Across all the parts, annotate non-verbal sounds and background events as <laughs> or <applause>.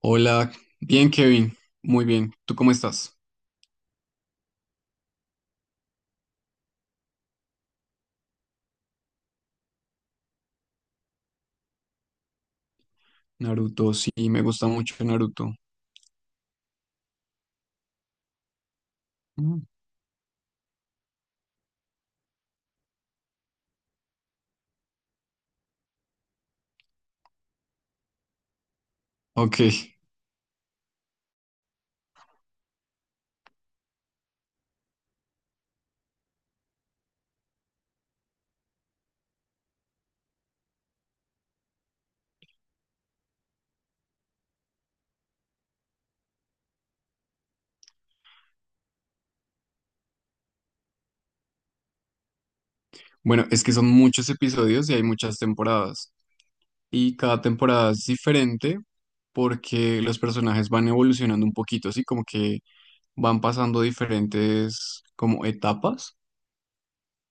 Hola, bien Kevin, muy bien. ¿Tú cómo estás? Naruto, sí, me gusta mucho Naruto. Mm. Ok, bueno, es que son muchos episodios y hay muchas temporadas. Y cada temporada es diferente porque los personajes van evolucionando un poquito, así como que van pasando diferentes como etapas.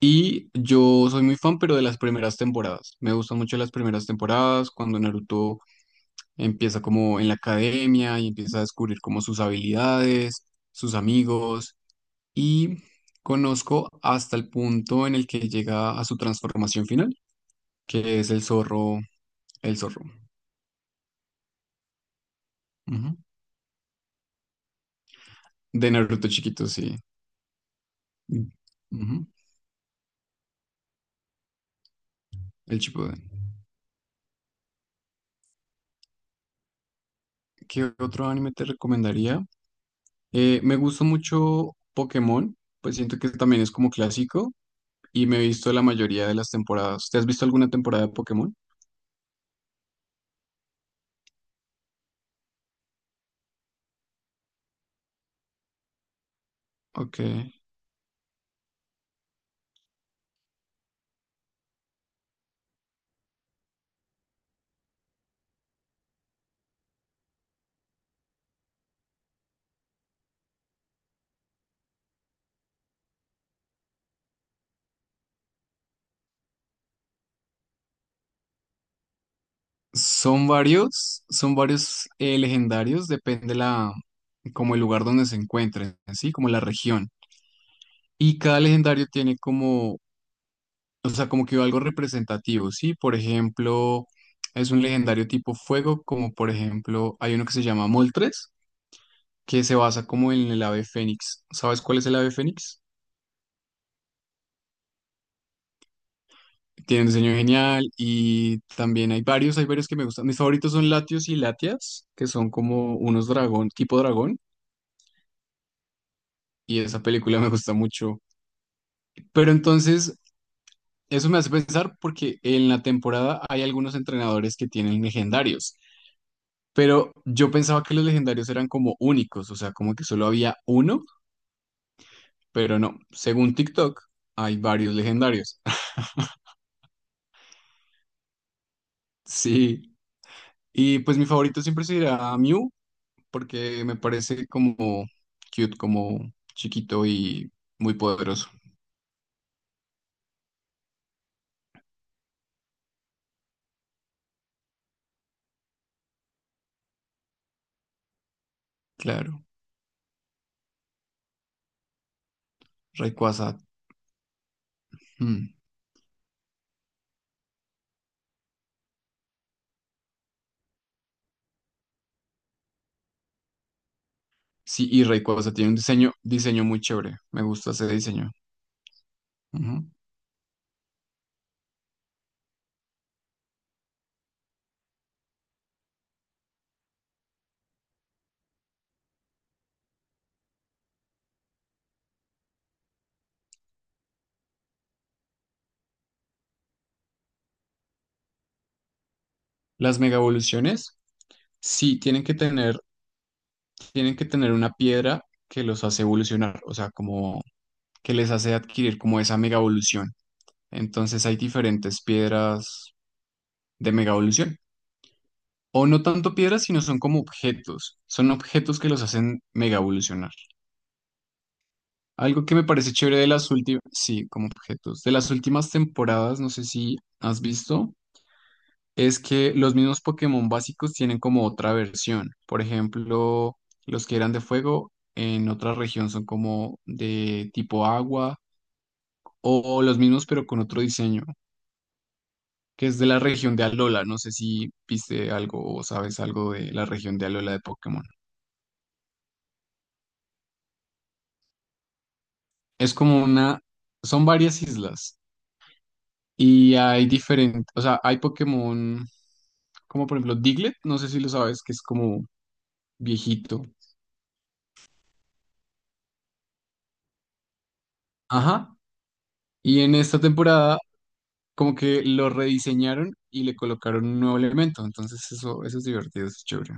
Y yo soy muy fan, pero de las primeras temporadas. Me gustan mucho las primeras temporadas, cuando Naruto empieza como en la academia y empieza a descubrir como sus habilidades, sus amigos y conozco hasta el punto en el que llega a su transformación final, que es el zorro, el zorro. Ujú. De Naruto chiquito, sí. Ujú. El Shippuden. ¿Qué otro anime te recomendaría? Me gusta mucho Pokémon, pues siento que también es como clásico y me he visto la mayoría de las temporadas. ¿Te has visto alguna temporada de Pokémon? Ok. Son varios legendarios, depende la, como el lugar donde se encuentren, ¿sí? Como la región. Y cada legendario tiene como, o sea, como que algo representativo, ¿sí? Por ejemplo, es un legendario tipo fuego, como por ejemplo, hay uno que se llama Moltres, que se basa como en el ave fénix. ¿Sabes cuál es el ave fénix? Tiene un diseño genial y también hay varios que me gustan. Mis favoritos son Latios y Latias, que son como unos dragón, tipo dragón. Y esa película me gusta mucho. Pero entonces, eso me hace pensar porque en la temporada hay algunos entrenadores que tienen legendarios, pero yo pensaba que los legendarios eran como únicos, o sea, como que solo había uno, pero no, según TikTok hay varios legendarios. <laughs> Sí, y pues mi favorito siempre será Mew porque me parece como cute, como chiquito y muy poderoso. Claro, Rayquaza. Mm. Sí, y Rayquaza tiene un diseño muy chévere. Me gusta ese diseño. Ujú. Las mega evoluciones, sí, tienen que tener una piedra que los hace evolucionar, o sea, como que les hace adquirir como esa mega evolución. Entonces hay diferentes piedras de mega evolución. O no tanto piedras, sino son como objetos. Son objetos que los hacen mega evolucionar. Algo que me parece chévere de las últimas, sí, como objetos. De las últimas temporadas, no sé si has visto. Es que los mismos Pokémon básicos tienen como otra versión. Por ejemplo, los que eran de fuego en otra región son como de tipo agua o los mismos pero con otro diseño, que es de la región de Alola. No sé si viste algo o sabes algo de la región de Alola de Pokémon. Es como una, son varias islas y hay diferentes, o sea, hay Pokémon como por ejemplo Diglett, no sé si lo sabes, que es como viejito. Ajá. Y en esta temporada como que lo rediseñaron y le colocaron un nuevo elemento. Entonces eso es divertido, eso es chévere.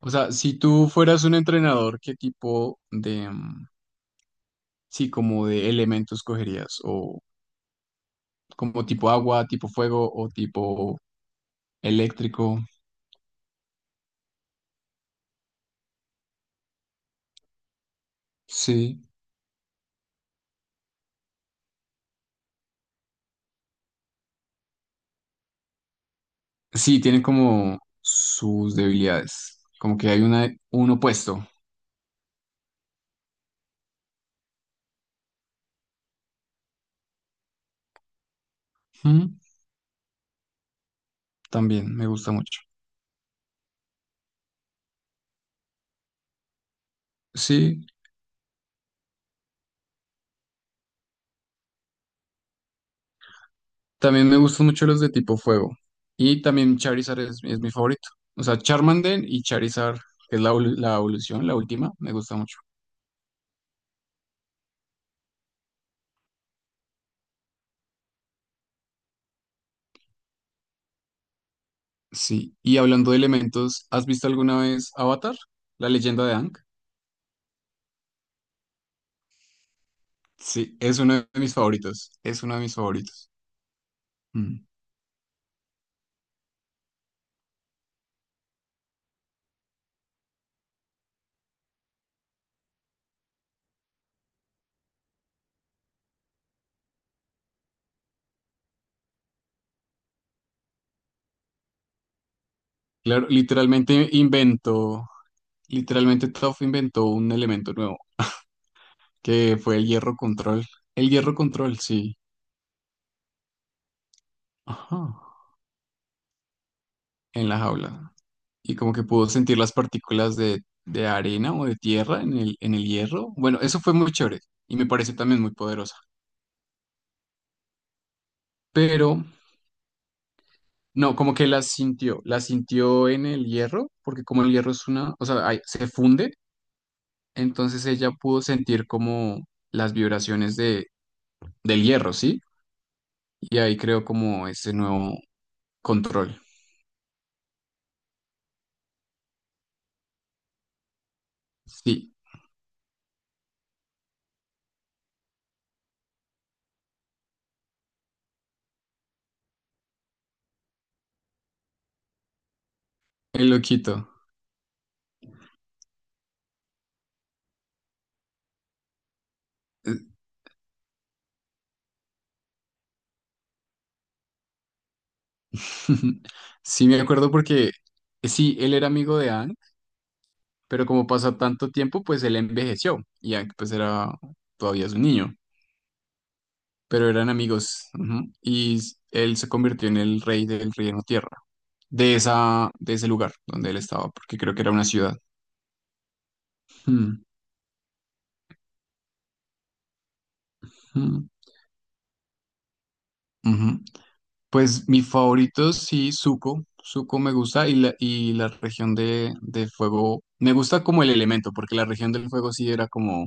O sea, si tú fueras un entrenador, ¿qué tipo de, mm, sí, como de elementos cogerías? O como tipo agua, tipo fuego o tipo eléctrico. Sí. Sí, tienen como sus debilidades. Como que hay una, un opuesto. Ujú. También me gusta mucho. Sí, también me gustan mucho los de tipo fuego. Y también Charizard es mi favorito. O sea, Charmander y Charizard, que es la, la evolución, la última, me gusta mucho. Sí. Y hablando de elementos, ¿has visto alguna vez Avatar? La leyenda de Aang. Sí, es uno de mis favoritos. Es uno de mis favoritos. Mm. Claro, literalmente Toph inventó un elemento nuevo, que fue el hierro control. El hierro control, sí. Ajá. En la jaula. Y como que pudo sentir las partículas de arena o de tierra en el hierro. Bueno, eso fue muy chévere y me pareció también muy poderosa. Pero no, como que las sintió en el hierro, porque como el hierro es una, o sea, ahí se funde, entonces ella pudo sentir como las vibraciones del hierro, ¿sí? Y ahí creó como ese nuevo control. Sí, el loquito. <laughs> Sí, me acuerdo porque sí, él era amigo de Anne. Pero como pasó tanto tiempo, pues él envejeció y ya, pues era todavía su niño, pero eran amigos, ujú, y él se convirtió en el rey del reino tierra, de ese lugar donde él estaba, porque creo que era una ciudad. Mm. Mm. Ujú. Pues mi favorito sí, Zuko. Zuko me gusta y y la región de fuego, me gusta como el elemento, porque la región del fuego sí era como,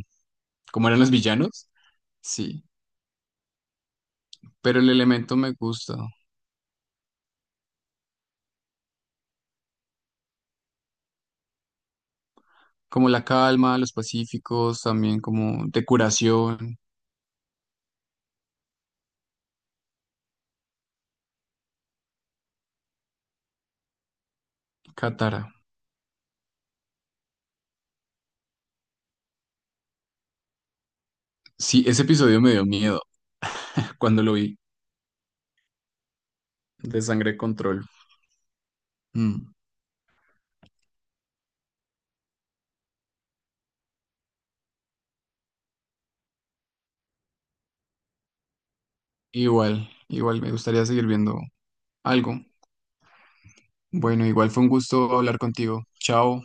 como eran los villanos, sí, pero el elemento me gusta. Como la calma, los pacíficos, también como de curación. Katara. Sí, ese episodio me dio miedo <laughs> cuando lo vi, de Sangre Control. Mm. Igual, igual me gustaría seguir viendo algo. Bueno, igual fue un gusto hablar contigo. Chao.